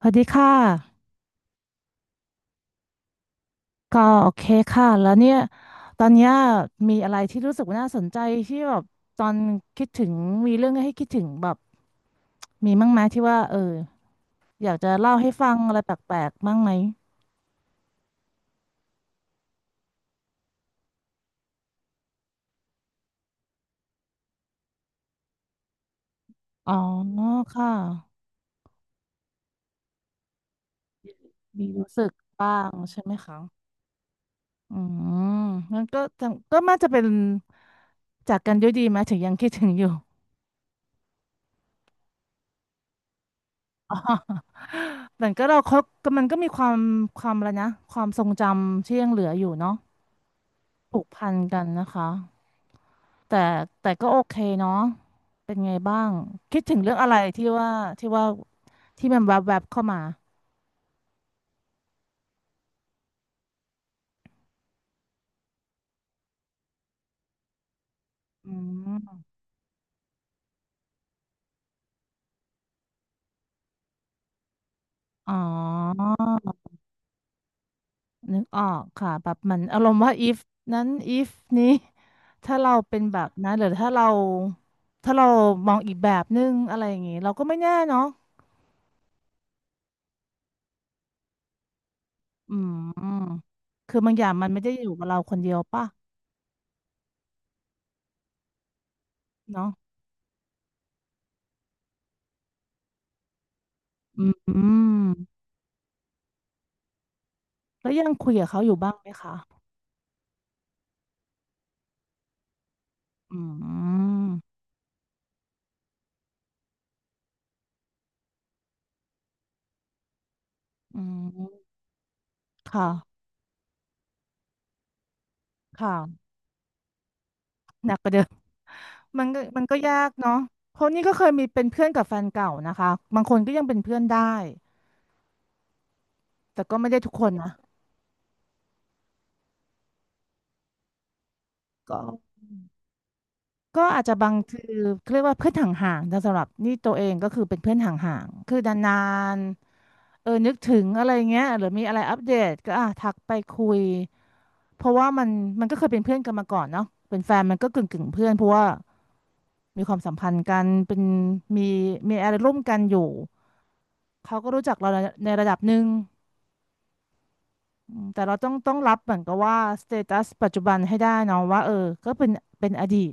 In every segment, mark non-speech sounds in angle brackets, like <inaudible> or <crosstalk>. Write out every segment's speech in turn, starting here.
สวัสดีค่ะก็โอเคค่ะแล้วเนี่ยตอนเนี้ยมีอะไรที่รู้สึกว่าน่าสนใจที่แบบตอนคิดถึงมีเรื่องให้คิดถึงแบบมีมั้งไหมที่ว่าเอออยากจะเล่าให้ฟังอะไรแปลกๆบ้างไหมอ๋อค่ะมีรู้สึกบ้างใช่ไหมคะอืมงั้นก็จะก็น่าจะเป็นจากกันด้วยดีไหมถึงยังคิดถึงอยู่อ๋อแต่ <laughs> ก็เราคบก็มันก็มีความความอะไรนะความทรงจำที่ยังเหลืออยู่เนาะ ผูกพันกันนะคะแต่แต่ก็โอเคเนาะเป็นไงบ้างคิดถึงเรื่องอะไรที่ว่าที่ว่าที่มันแวบแวบเข้ามาอืมอ๋อนึกออกค่ะแบบเหมันอารมณ์ว่า if นั้น if นี้ถ้าเราเป็นแบบนั้นหรือถ้าเราถ้าเรามองอีกแบบนึงอะไรอย่างงี้เราก็ไม่แน่เนาะอืมคือบางอย่างมันไม่ได้อยู่กับเราคนเดียวป่ะเนาะอืมแล้วยังคุยกับเขาอยู่บ้างไหมคะอืม อืมค่ะค่ะหนักกว่าเดิมมันก็ยากเนาะเพราะนี่ก็เคยมีเป็นเพื่อนกับแฟนเก่านะคะบางคนก็ยังเป็นเพื่อนได้ แต่ก็ไม่ได้ทุกคนนะ ก็อาจจะบางคือเขาเรียกว่าเพื่อนห่างๆแต่สำหรับนี่ตัวเองก็คือเป็นเพื่อนห่างๆคือนานๆเออนึกถึงอะไรเงี้ยหรือมีอะไรอัปเดตก็อ่ะทักไปคุยเพราะว่ามันก็เคยเป็นเพื่อนกันมาก่อนเนาะเป็นแฟนมันก็กึ่งกึ่งเพื่อนเพราะว่ามีความสัมพันธ์กันเป็นมีอะไรร่วมกันอยู่ เขาก็รู้จักเราในระดับหนึ่งอืมแต่เราต้องรับเหมือนกับว่าสเตตัสปัจจุบันให้ได้เนาะว่าเออก็เป็นอดีต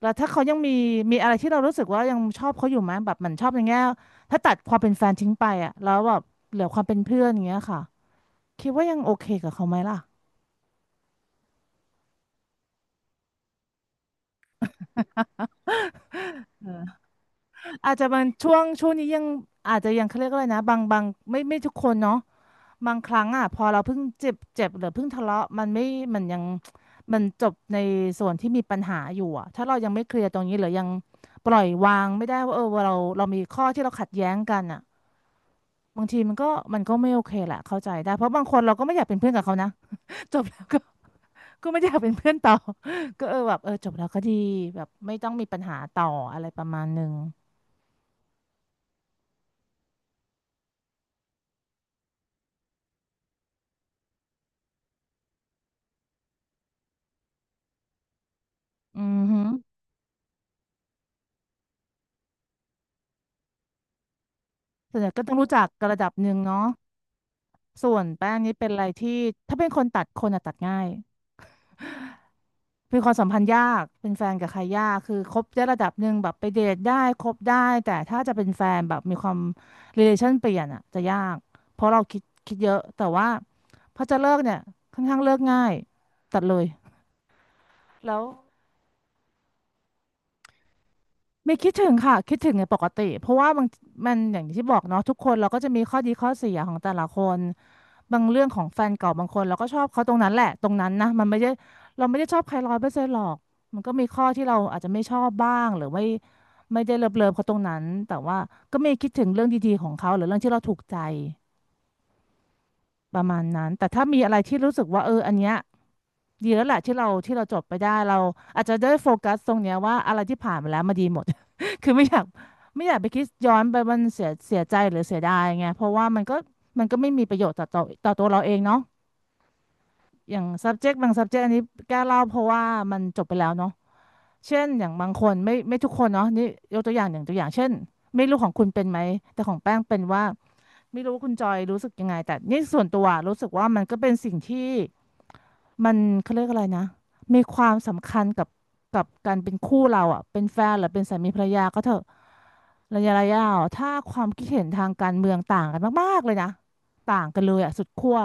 แล้วถ้าเขายังมีอะไรที่เรารู้สึกว่ายังชอบเขาอยู่ไหมแบบเหมันชอบอย่างเงี้ยถ้าตัดความเป็นแฟนทิ้งไปอ่ะแล้วแบบเหลือความเป็นเพื่อนอย่างเงี้ยค่ะคิดว่ายังโอเคกับเขาไหมล่ะอาจจะมันช่วงนี้ยังอาจจะยังเขาเรียกว่าอะไรนะบางไม่ทุกคนเนาะ บางครั้งอ่ะพอเราเพิ่งเจ็บเจ็บหรือเพิ่งทะเลาะมันไม่มันยังมันจบในส่วนที่มีปัญหาอยู่อ่ะถ้าเรายังไม่เคลียร์ตรงนี้หรือยังปล่อยวางไม่ได้ว่าเออเรามีข้อที่เราขัดแย้งกันอ่ะบางทีมันก็ไม่โอเคแหละเข้าใจได้เพราะบางคนเราก็ไม่อยากเป็นเพื่อนกับเขานะ <laughs> จบแล้วก็ไม่อยากเป็นเพื่อนต่อ <laughs> ก็เออแบบเออจบแล้วก็ดีแบบไม่ต้องมีปัญหาต่ออะไรประมาณหนึ่งอือหือส่วนใหญ่ก็ต้องรู้จักกระดับหนึ่งเนาะส่วนแป้งนี่เป็นอะไรที่ถ้าเป็นคนตัดคนอะตัดง่าย มีความสัมพันธ์ยาก เป็นแฟนกับใครยาก คือคบได้ระดับหนึ่งแบบไปเดทได้คบได้ แต่ถ้าจะเป็นแฟนแบบมีความ relation เปลี่ยนอ่ะจะยาก เพราะเราคิดเยอะ แต่ว่าพอจะเลิกเนี่ยค่อนข้างเลิกง่ายตัดเลยแล้ว ไม่คิดถึงค่ะคิดถึงในปกติเพราะว่าบางมันอย่างที่บอกเนาะทุกคนเราก็จะมีข้อดีข้อเสียของแต่ละคนบางเรื่องของแฟนเก่าบางคนเราก็ชอบเขาตรงนั้นแหละตรงนั้นนะมันไม่ได้เราไม่ได้ชอบใครร้อยเปอร์เซ็นต์หรอกมันก็มีข้อที่เราอาจจะไม่ชอบบ้างหรือไม่ได้เลิฟเขาตรงนั้นแต่ว่าก็มีคิดถึงเรื่องดีๆของเขาหรือเรื่องที่เราถูกใจ ประมาณนั้นแต่ถ้ามีอะไรที่รู้สึกว่าเอออันเนี้ยดีแลอวแหละที่เราจบไปได้เราอาจจะได้โฟกัสตรงเนี้ยว่าอะไรที่ผ่านมาแล้วมาดีหมด <laughs> คือไม่อยากไปคิดย้อนไปมันเสียใจหรือเสียดายไงเพราะว่ามันก็ไม่มีประโยชน์ต่อตัวเราเองเนาะอย่าง subject บาง subject อันนี้แก้เล่าเพราะว่ามันจบไปแล้วเนาะเช่นอย่างบางคนไม่ทุกคนเนาะนี่ยกตัวอย่างตัวอย่างเช่นไม่รู้ของคุณเป็นไหมแต่ของแป้งเป็นว่า ไม่รู้คุณจอยรู้สึกยังไงแต่นี่ส่วนตัวรู้สึกว่ามันก็เป็นสิ่งที่มันเขาเรียกอะไรนะมีความสำคัญกับการเป็นคู่เราอ่ะเป็นแฟนหรือเป็นสามีภรรยาก็เถอะระยะอ่ะถ้าความคิดเห็นทางการเมืองต่างกันมากๆเลยนะต่างกันเลยอ่ะสุดขั้ว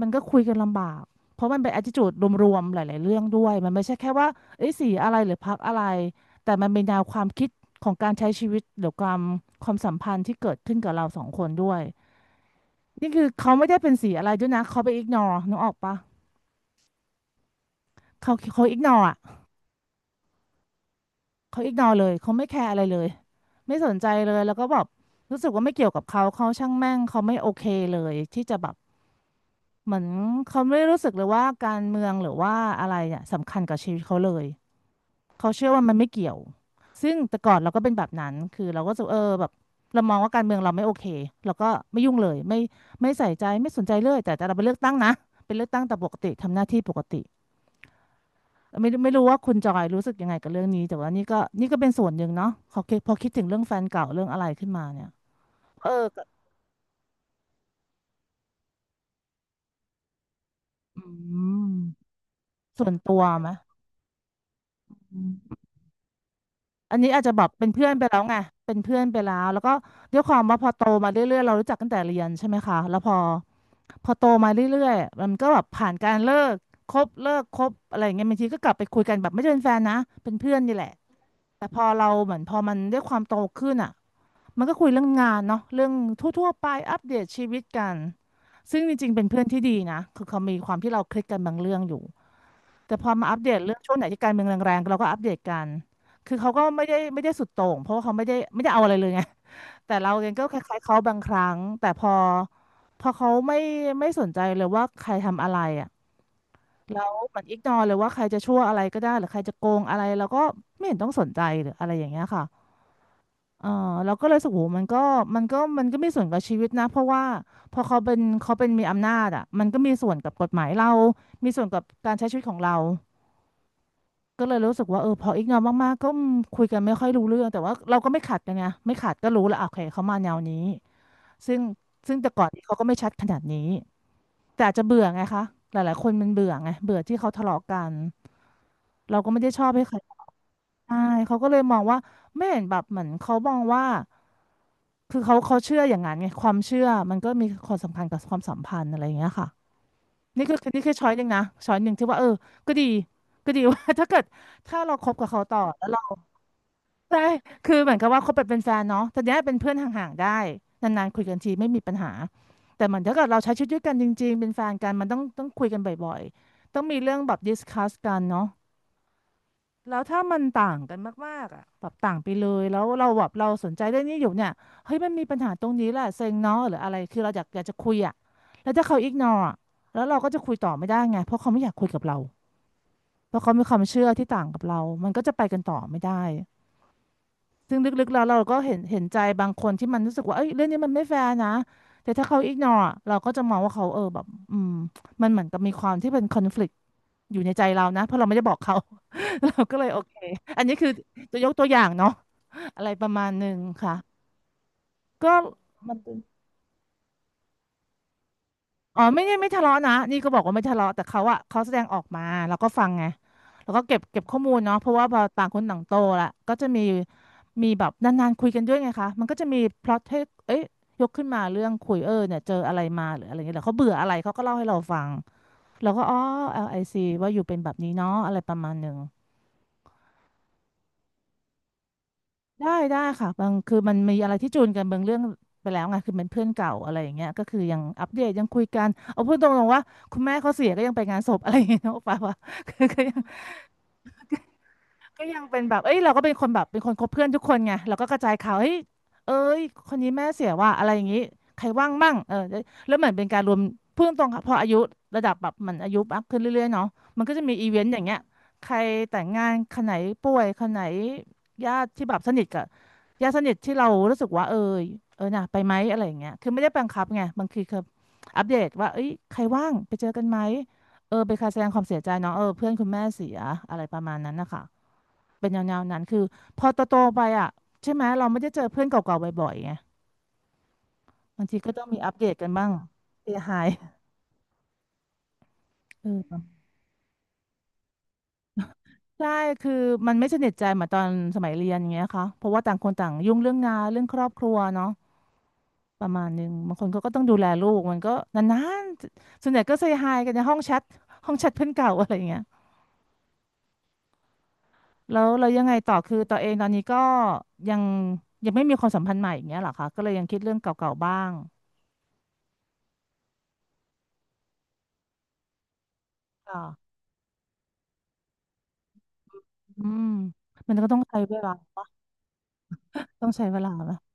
มันก็คุยกันลำบากเพราะมันเป็น attitude รวมๆหลายๆเรื่องด้วยมันไม่ใช่แค่ว่าเอ้ยสีอะไรหรือพรรคอะไรแต่มันเป็นแนวความคิดของการใช้ชีวิตหรือความสัมพันธ์ที่เกิดขึ้นกับเราสองคนด้วย นี่คือเขาไม่ได้เป็นสีอะไรด้วยนะ เขาไปอิกนอนึกออกปะเขาอิกนออ่ะเขาอิกนอเลยเขาไม่แคร์อะไรเลย ไม่สนใจเลย แล้วก็แบบรู้สึกว่าไม่เกี่ยวกับเขาเขาช่างแม่ง เขาไม่โอเคเลยที่จะแบบเหมือนเขาไม่ได้รู้สึกเลยว่าการเมืองหรือว่าอะไรเนี่ยสำคัญกับชีวิตเขาเลยเขาเชื่อว่ามันไม่เกี่ยวซึ่งแต่ก่อนเราก็เป็นแบบนั้นคือเราก็รู้สึกเออแบบเรามองว่าการเมืองเราไม่โอเคเราก็ไม่ยุ่งเลยไม่ใส่ใจไม่สนใจเลยแต่เราไปเลือกตั้งนะเป็นเลือกตั้งแต่ปกติทำหน้าที่ปกติ ไม่รู้ว่าคุณจอยรู้สึกยังไงกับเรื่องนี้แต่ว่านี่ก็เป็นส่วนหนึ่งเนาะพอคิดถึงเรื่องแฟนเก่าเรื่องอะไรขึ้นมาเนี่ยเออก็อืมส่วนตัวไหมอืมอันนี้อาจจะแบบเป็นเพื่อนไปแล้วไงเป็นเพื่อนไปแล้วแล้วก็ด้วยความว่าพอโตมาเรื่อยๆเรารู้จักกันแต่เรียนใช่ไหมคะแล้วพอโตมาเรื่อยๆมันก็แบบผ่านการเลิกคบอะไรอย่างเงี้ยบางทีก็กลับไปคุยกันแบบไม่ได้เป็นแฟนนะเป็นเพื่อนนี่แหละแต่พอเราเหมือนพอมันด้วยความโตขึ้นอ่ะ มันก็คุยเรื่องงานเนาะเรื่องทั่วๆไปอัปเดตชีวิตกันซึ่งจริงๆเป็นเพื่อนที่ดีนะคือเขามีความที่เราคลิกกันบางเรื่องอยู่แต่พอมาอัปเดตเรื่องช่วงไหนที่การเมืองแรงๆเราก็อัปเดตกันคือเขาก็ไม่ได้สุดโต่งเพราะว่าเขาไม่ได้เอาอะไรเลยไงแต่เราเองก็คล้ายๆเขาบางครั้งแต่พอเขาไม่สนใจเลยว่าใครทำอะไรอ่ะแล้วเหมือนอิกนอเลยว่าใครจะชั่วอะไรก็ได้หรือใครจะโกงอะไรเราก็ไม่เห็นต้องสนใจหรืออะไรอย่างเงี้ยค่ะ เออเราก็เลยรู้สึกโหมันก็มันก็มีส่วนกับชีวิตนะเพราะว่าพอเขาเป็นเขาเป็นมีอำนาจอ่ะมันก็มีส่วนกับกฎหมายเรามีส่วนกับการใช้ชีวิตของเราก็เลยรู้สึกว่าเออพออีกนอมากๆก็คุยกันไม่ค่อยรู้เรื่องแต่ว่าเราก็ไม่ขัดกันไงไม่ขัดก็รู้แล้วอ่ะโอเคเขามาแนวนี้ซึ่งซึ่งแต่ก่อนนี้เขาก็ไม่ชัดขนาดนี้แต่อาจจะเบื่อไงคะหลายๆคนมันเบื่อไงเบื่อที่เขาทะเลาะกันเราก็ไม่ได้ชอบให้ใครใช่เขาก็เลยมองว่าไม่เห็นแบบเหมือนเขามองว่า คือเขาเชื่ออย่างนั้นไงความเชื่อมันก็มีความสำคัญกับความสัมพันธ์อะไรอย่างเงี้ยค่ะนี่คือช้อยหนึ่งนะช้อยหนึ่งที่ว่าเออก็ดีก็ดี <laughs> ว่า <laughs> ถ้าเราคบกับเขาต่อแล้วเราใช่คือเหมือนกับว่าคบแบบเป็นแฟนเนาะแต่เนี้ยเป็นเพื่อนห่างๆได้นานๆคุยกันทีไม่มีปัญหาแต่เหมือนถ้าเกิดเราใช้ชีวิตด้วยกันจริงๆเป็นแฟนกันมันต้องคุยกันบ่อยๆต้องมีเรื่องแบบดิสคัสกันเนาะ แล้วถ้ามันต่างกันมากๆอ่ะแบบต่างไปเลยแล้วเราสนใจเรื่องนี้อยู่เนี่ยเฮ้ยมันมีปัญหาตรงนี้แหละเซ็งเนาะหรืออะไรคือเราอยากจะคุยอ่ะแล้วถ้าเขาอิกนออ่ะแล้วเราก็จะคุยต่อไม่ได้ไงเพราะเขาไม่อยากคุยกับเราเพราะเขามีความเชื่อที่ต่างกับเรามันก็จะไปกันต่อไม่ได้ซึ่งลึกๆแล้วเราก็เห็นใจบางคนที่มันรู้สึกว่าเอ้ยเรื่องนี้มันไม่แฟร์นะแต่ถ้าเขาอิกนอเราก็จะมองว่าเขาเออแบบอืมมันเหมือนกับมีความที่เป็นคอนฟลิ อยู่ในใจเรานะเพราะเราไม่ได้บอกเขา <laughs> เราก็เลยโอเคอันนี้คือจะยกตัวอย่างเนาะอะไรประมาณหนึ่งค่ะก็มันเป็นอ๋อไม่ได้ไม่ทะเลาะนะนี่ก็บอกว่าไม่ทะเลาะแต่เขาอะเขาแสดงออกมาเราก็ฟังไงแล้วก็เก็บข้อมูลเนาะเพราะว่าพอต่างคนต่างโตละก็จะมีแบบนานๆคุยกันด้วยไงคะมันก็จะมีพล็อตให้เอ้ยยกขึ้นมาเรื่องคุยเออเนี่ยเจออะไรมาหรืออะไรเงี้ยแล้วเขาเบื่ออะไรเขาก็เล่าให้เราฟังเราก็อ๋อ LIC ว่าอยู่เป็นแบบนี้เนาะอะไรประมาณหนึ่ง ได้ได้ค่ะบางคือมันมีอะไรที่จูนกันบางเรื่องไปแล้วไงคือเป็นเพื่อนเก่าอะไรอย่างเงี้ยก็คือยังอัปเดตยังคุยกันเอาพูดตรงๆว่าคุณแม่เขาเสียก็ยังไปงานศพอะไรอย่างเงี้ยนะโอปาว่า <laughs> คือก็ยัง ก็ยังเป็นแบบเอ้ยเราก็เป็นคนแบบเป็นคนคบเพื่อนทุกคนไงเราก็กระจายข่าว เฮ้ยเอ้ยคนนี้แม่เสียว่ะอะไรอย่างงี้ ใครว่างมั่งเออแล้วเหมือนเป็นการรวมพูดตรงๆค่ะพออายุระดับแบบเหมันอายุมากขึ้นเรื่อยๆเนาะมันก็จะมีอีเวนต์อย่างเงี้ยใครแต่งงานคนไหนป่วยคนไหนญาติที่แบบสนิทกับญาติสนิทที่เรารู้สึกว่าเออเออน่ะไปไหมอะไรอย่างเงี้ยคือไม่ได้บังคับไงบางทีคืออัปเดตว่าเอ้ยใครว่างไปเจอกันไหมเออเป็นการแสดงความเสียใจเนาะเออเพื่อนคุณแม่เสียอะไรประมาณนั้นนะคะ เป็นแนวๆนั้นคือพอโตๆไปอ่ะใช่ไหมเราไม่ได้เจอเพื่อนเก่าๆบ่อยๆไงบางทีก็ต้องมีอัปเดตกันบ้างเสียหายเออใช่คือมันไม่สนิทใจเหมือนตอนสมัยเรียนอย่างเงี้ยค่ะเพราะว่าต่างคนต่างยุ่งเรื่องงานเรื่องครอบครัวเนาะประมาณนึงบางคนเขาก็ต้องดูแลลูกมันก็นานๆส่วนใหญ่ก็เซย์ไฮกันในห้องแชทห้องแชทเพื่อนเก่าอะไรอย่างเงี้ยแล้วเรายังไงต่อคือตัวเองตอนนี้ก็ยังยังไม่มีความสัมพันธ์ใหม่อย่างเงี้ยเหรอคะก็เลยยังคิดเรื่องเก่าๆบ้างค่ะ อืมมันก็ต้องใช้เวลาต้องใช้เวลาละ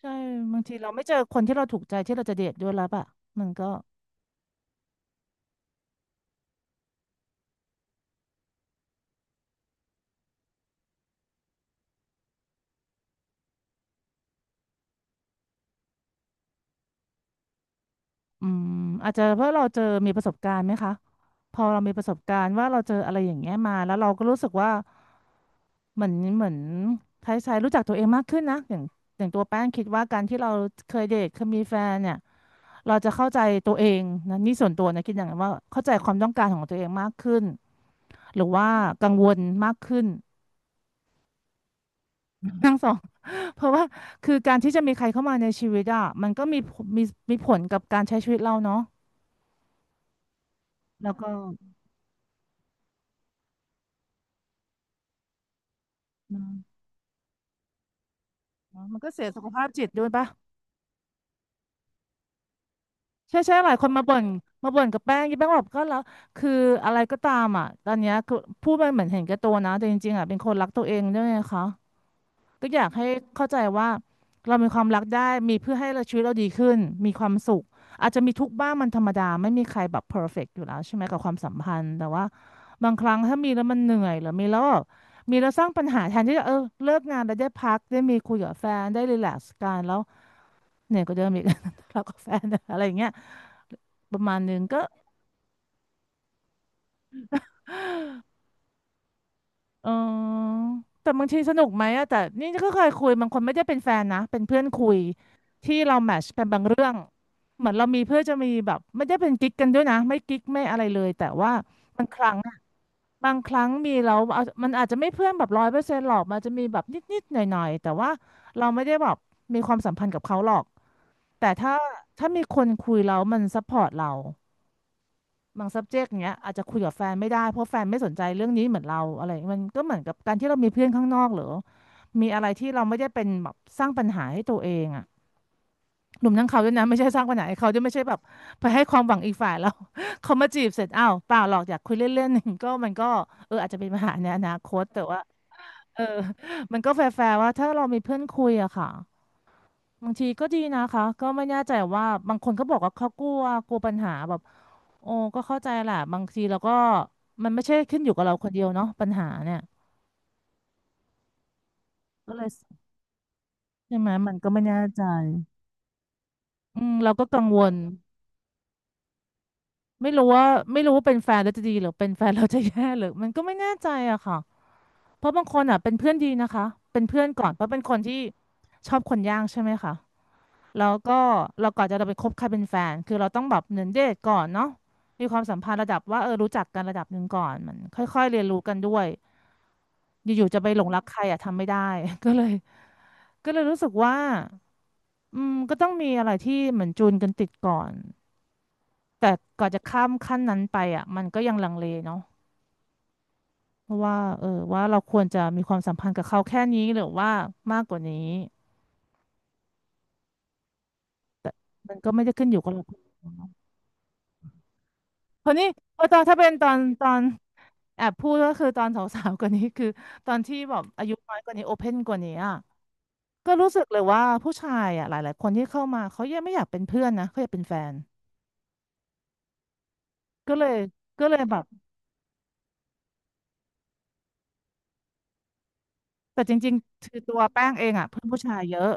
ใช่บางทีเราไม่เจอคนที่เราถูกใจที่เราจะเดทด้วยแล้วอะมันก็อืมอาจจะเพราะเราเจอมีประสบการณ์ไหมคะพอเรามีประสบการณ์ว่าเราเจออะไรอย่างเงี้ยมาแล้วเราก็รู้สึกว่าเหมือนคล้ายๆรู้จักตัวเองมากขึ้นนะอย่างตัวแป้งคิดว่าการที่เราเคยเดทเคยมีแฟนเนี่ยเราจะเข้าใจตัวเองนะนี่ส่วนตัวนะคิดอย่างนั้นว่าเข้าใจความต้องการของตัวเองมากขึ้นหรือว่ากังวลมากขึ้น ทั้งสอง <laughs> เพราะว่าคือการที่จะมีใครเข้ามาในชีวิตอ่ะมันก็มีผลกับการใช้ชีวิตเราเนาะแล้วก็อืมมันก็เสียสุขภาพจิตด้วยปะใช่ใช่หลายคนมาบ่นมาบ่นกับแป้งยี่แป้งบอกก็แล้วคืออะไรก็ตามอ่ะตอนเนี้ยคือพูดไปเหมือนเห็นแก่ตัวนะแต่จริงๆอ่ะเป็นคนรักตัวเองด้วยไงคะ ก็อยากให้เข้าใจว่าเรามีความรักได้มีเพื่อให้เราชีวิตเราดีขึ้นมีความสุขอาจจะมีทุกข์บ้างมันธรรมดาไม่มีใครแบบเพอร์เฟกต์อยู่แล้วใช่ไหมกับความสัมพันธ์แต่ว่าบางครั้งถ้ามีแล้วมันเหนื่อยหรือมีแล้วแบบมีแล้วสร้างปัญหาแทนที่จะเออเลิกงานแล้วได้พักได้มีคุยกับแฟนได้รีแลกซ์กันแล้วเหนื่อยก็เดิมอีก <laughs> ทะเลาะกับแฟนอะไรอย่างเงี้ยประมาณนึงก็ เออแต่บางทีสนุกไหมอะแต่นี่ก็เคยคุยบางคนไม่ได้เป็นแฟนนะเป็นเพื่อนคุยที่เราแมทชเป็นบางเรื่องเหมือนเรามีเพื่อจะมีแบบไม่ได้เป็นกิ๊กกันด้วยนะไม่กิ๊กไม่อะไรเลยแต่ว่าบางครั้งอะบางครั้งมีเราเอามันอาจจะไม่เพื่อนแบบ100%หรอกมันจะมีแบบนิดๆหน่อยๆแต่ว่าเราไม่ได้แบบมีความสัมพันธ์กับเขาหรอกแต่ถ้าถ้ามีคนคุยแล้วมันซัพพอร์ตเรา บาง subject เนี้ยอาจจะคุยกับแฟนไม่ได้เพราะแฟนไม่สนใจเรื่องนี้เหมือนเราอะไรอย่างเงี้ยมันก็เหมือนกับการที่เรามีเพื่อนข้างนอกหรือมีอะไรที่เราไม่ได้เป็นแบบสร้างปัญหาให้ตัวเองอ่ะหนุ่มทั้งเขาด้วยนะไม่ใช่สร้างปัญหาให้เขาด้วยไม่ใช่แบบไปให้ความหวังอีกฝ่ายแล้ว <laughs> เขามาจีบเสร็จอ้าวเปล่าหรอกอยากคุยเล่นๆ <laughs> ก็มันก็เอออาจจะเป็นปัญหาในอนาคตแต่ว่าเออ <laughs> มันก็แฟร์ๆว่าถ้าเรามีเพื่อนคุยอะค่ะบางทีก็ดีนะคะก็ไม่แน่ใจว่าบางคนเขาบอกว่าเขากลัวกลัวปัญหาแบบ โอ้ก็เข้าใจแหละบางทีเราก็มันไม่ใช่ขึ้นอยู่กับเราคนเดียวเนาะปัญหาเนี่ยก็เลยใช่ไหมมันก็ไม่แน่ใจอืมเราก็กังวลไม่รู้ว่าไม่รู้ว่าเป็นแฟนแล้วจะดีหรือเป็นแฟนเราจะแย่หรือมันก็ไม่แน่ใจอะค่ะเพราะบางคนอะเป็นเพื่อนดีนะคะเป็นเพื่อนก่อนเพราะเป็นคนที่ชอบคนยากใช่ไหมคะแล้วก็เราก่อนจะเราไปคบใครเป็นแฟนคือเราต้องแบบเหมือนเดทก่อนเนาะมีความสัมพันธ์ระดับว่าเออรู้จักกันระดับหนึ่งก่อนมันค่อยๆเรียนรู้กันด้วย อยู่ๆจะไปหลงรักใครอ่ะทำไม่ได้ <laughs> ก็เลยก็เลยรู้สึกว่าอืมก็ต้องมีอะไรที่เหมือนจูนกันติดก่อนแต่ก่อนจะข้ามขั้นนั้นไปอ่ะมันก็ยังลังเลเนาะเพราะว่าเออว่าเราควรจะมีความสัมพันธ์กับเขาแค่นี้หรือว่ามากกว่านี้แต่มันก็ไม่ได้ขึ้นอยู่กับเราคนเดียวเนาะคราวนี้ออตอนถ้าเป็นตอนตอนแอบพูดก็คือตอนสาวๆกว่านี้คือตอนที่แบบอายุน้อยกว่านี้โอเพนกว่านี้อ่ะก็รู้สึกเลยว่าผู้ชายอ่ะหลายๆคนที่เข้ามาเขายังไม่อยากเป็นเพื่อนนะเขาอยากเป็นแฟน ก็เลยก็เลยแบบแต่จริงๆคือตัวแป้งเองอ่ะเพื่อนผู้ชายเยอะ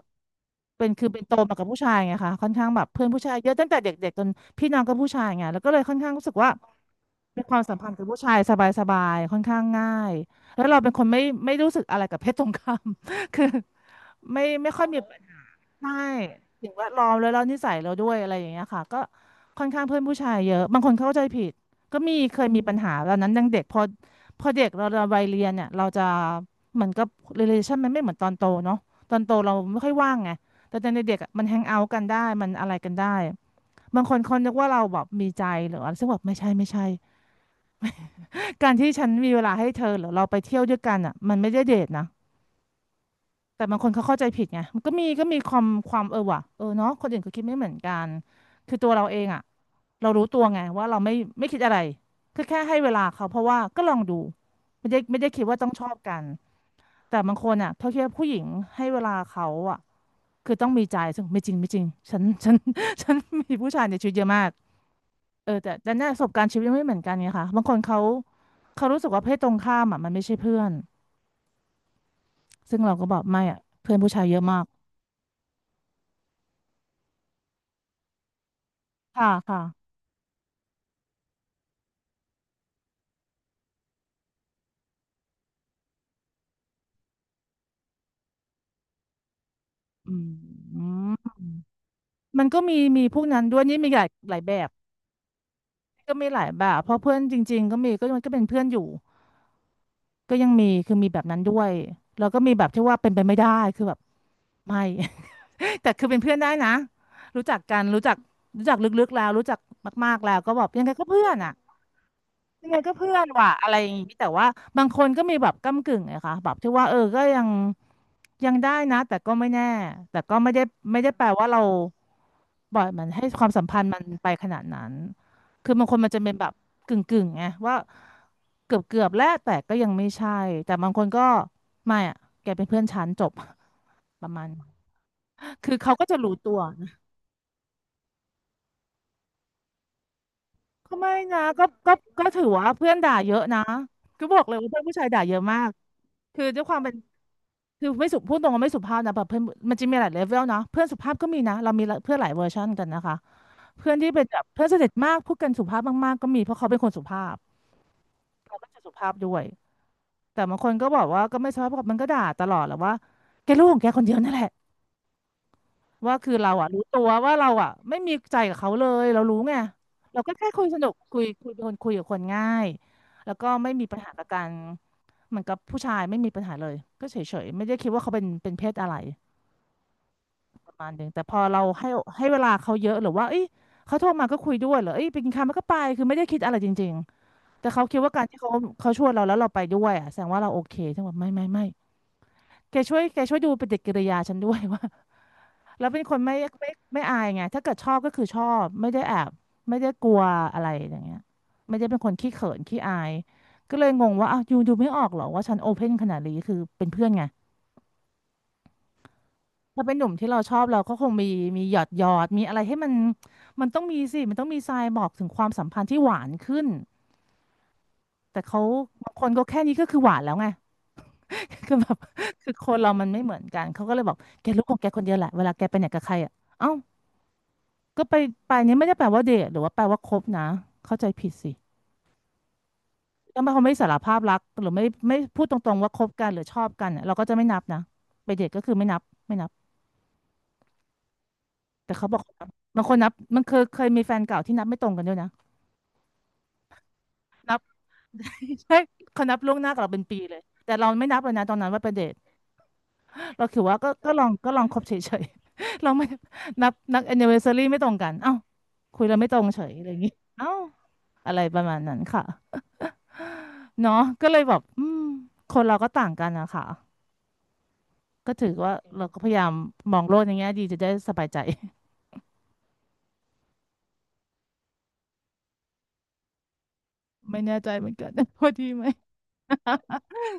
เป็นคือเป็นโตมากับผู้ชายไงคะค่อนข้างแบบเพื่อนผู้ชายเยอะตั้งแต่เด็กๆจนพี่น้องก็ผู้ชายไงแล้วก็เลยค่อนข้างรู้สึกว่าเป็นความสัมพันธ์กับผู้ชายสบายๆค่อนข้างง่ายแล้วเราเป็นคนไม่รู้สึกอะไรกับเพศตรงข้าม <laughs> คือไม่ค่อยมี ใช่สิ่งแวดล้อมแล้วเรานิสัยเราด้วยอะไรอย่างเงี้ยค่ะก็ค่อนข้างเพื่อนผู้ชายเยอะบางคนเข้าใจผิดก็มีเคยมีปัญหาตอนนั้นยังเด็กพอเด็กเราวัยเรียนเนี่ยเราจะเหมือนกับ relation มันไม่เหมือนตอนโตเนาะตอนโตเราไม่ค่อยว่างไงแต่ตอนเด็กๆอะมันแฮงเอาท์กันได้มันอะไรกันได้บางคนเขานึกว่าเราแบบมีใจหรืออะไรซึ่งแบบไม่ใช่การที่ฉันมีเวลาให้เธอหรือเราไปเที่ยวด้วยกันอ่ะมันไม่ได้เดทนะ แต่บางคนเขาเข้าใจผิดไงมันก็มีก็มีความเออว่ะเออเนาะคนอื่นเขาคิดไม่เหมือนกันคือตัวเราเองอ่ะเรารู้ตัวไงว่าเราไม่คิดอะไรก็แค่ให้เวลาเขาเพราะว่าก็ลองดูไม่ได้คิดว่าต้องชอบกันแต่บางคนอ่ะเขาคิดว่าผู้หญิงให้เวลาเขาอ่ะคือต้องมีใจซึ่งไม่จริงฉัน <laughs> ฉันมีผู้ชายในชีวิตเยอะมากเออแต่เนี่ยประสบการณ์ชีวิตไม่เหมือนกันไงคะบางคนเขารู้สึกว่าเพศตรงข้ามอ่ะมันไม่ใช่เพื่อนซึ่งเราก็บอกไม่อ่ะเพื่อนผู้ชายเยอะมากค่ะค่ะ อืมมันก็มีมีพวกนั้นด้วยนี่มีหลายหลายแบบก็มีหลายแบบเพราะเพื่อนจริงๆก็มีก็มันก็เป็นเพื่อนอยู่ก็ยังมีคือมีแบบนั้นด้วยแล้วก็มีแบบที่ว่าเป็นไปไม่ได้คือแบบไม่ <laughs> แต่คือเป็นเพื่อนได้นะรู้จักกันรู้จักลึกๆแล้วรู้จักมากๆแล้วก็แบบยังไงก็เพื่อนอ่ะ ยังไงก็เพื่อนว่ะอะไรอย่างนี้แต่ว่าบางคนก็มีแบบก้ำกึ่งไงคะแบบที่ว่าเออก็ยังได้นะแต่ก็ไม่แน่แต่ก็ไม่ได้แปลว่าเราบ่อยมันให้ความสัมพันธ์มันไปขนาดนั้นคือบางคนมันจะเป็นแบบกึ่งไงว่าเกือบแล้วแต่ก็ยังไม่ใช่แต่บางคนก็ไม่อะแกเป็นเพื่อนฉันจบ <laughs> ประมาณนั้นคือเขาก็จะรู้ตัวนะก็ไม่นะก็ก็ถือว่าเพื่อนด่าเยอะนะก็บอกเลยว่าเพื่อนผู้ชายด่าเยอะมากคือด้วยความเป็น คือไม่สุพูดตรงว่าไม่สุภาพนะแบบเพื่อนมันจะมีหลายเลเวลนะเพื่อนสุภาพก็มีนะเรามีเพื่อนหลายเวอร์ชันกันนะคะเพื่อนที่เป็นแบบเพื่อนสนิทมากพูดกันสุภาพมากๆก็มีเพราะเขาเป็นคนสุภาพเราก็จะสุภาพด้วยแต่บางคนก็บอกว่าก็ไม่สุภาพมันก็ด่าตลอดแหละว่าแกลูกของแกคนเดียวนั่นแหละว่าคือเราอ่ะรู้ตัวว่าเราอ่ะไม่มีใจกับเขาเลยเรารู้ไงเราก็แค่คุยสนุกคุยเป็นคนคุยกับคนง่ายแล้วก็ไม่มีปัญหากับการเหมือนกับผู้ชายไม่มีปัญหาเลยก็เฉยๆไม่ได้คิดว่าเขาเป็นเพศอะไร ประมาณหนึ่งแต่พอเราให้เวลาเขาเยอะหรือว่าเอ้ยเขาโทรมาก็คุยด้วยเหรอเอ้ยไปกินข้าวมันก็ไปคือไม่ได้คิดอะไรจริงๆแต่เขาคิดว่าการที่เขาชวนเราแล้วเราไปด้วยอ่ะแสดงว่าเราโอเคฉันบอกไม่แกช่วยดูปฏิกิริยาฉันด้วย <laughs> ว่า <laughs> เราเป็นคนไม่ไม่ไม่อายไงถ้าเกิดชอบก็คือชอบไม่ได้แอบไม่ได้กลัวอะไรอย่างเงี้ยไม่ได้เป็นคนขี้เขินขี้อายก็เลยงงว่าอ้าวยูดูไม่ออกเหรอว่าฉันโอเพนขนาดนี้คือเป็นเพื่อนไง ถ้าเป็นหนุ่มที่เราชอบเราก็คงมีหยอดมีอะไรให้มันต้องมีสิมันต้องมีทรายบอกถึงความสัมพันธ์ที่หวานขึ้นแต่เขาบางคนก็แค่นี้ก็คือหวานแล้วไง <laughs> คือแบบคือคนเรามันไม่เหมือนกันเขาก็เลยบอกแกรู้ของแกคนเดียวแหละเวลาแกไปไหนกับใครอ่ะเอ้าก็ไปไปเนี่ยไม่ได้แปลว่าเดทหรือว่าแปลว่าคบนะเข้าใจผิดสิถ้าเขาไม่สารภาพรักหรือไม่พูดตรงๆว่าคบกันหรือชอบกันอะเราก็จะไม่นับนะไปเดทก็คือไม่นับไม่นับแต่เขาบอกเขานับบางคนนับมันเคยมีแฟนเก่าที่นับไม่ตรงกันด้วยนะ นับ <laughs> ใช่เขานับล่วงหน้ากับเราเป็นปีเลยแต่เราไม่นับเลยนะตอนนั้นว่าเป็นเดทเราคือว่าก็ลองลองคบเฉยๆ <laughs> เราไม่นับนับแอนนิเวอร์ซารีไม่ตรงกันเอ้าคุยเราไม่ตรงเฉยอะไรอย่างงี้เอ้าอะไรประมาณนั้นค่ะเนาะก็เลยแบบอืมคนเราก็ต่างกันนะคะก็ถือว่าเราก็พยายามมองโลกในแง่ดีจะได้สบายใจ <laughs> ไม่แน่ใจเหมือนกัน <laughs> ว่าดีไหม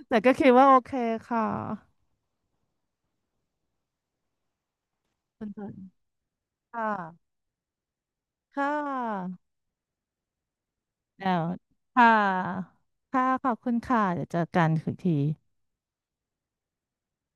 แต่ก็คิดว่าโอเคค่ะคุณเพิ่นค่ะค่ะ แล้วค่ะค่ะขอบคุณค่ะเดี๋ยวเจอกันอีกที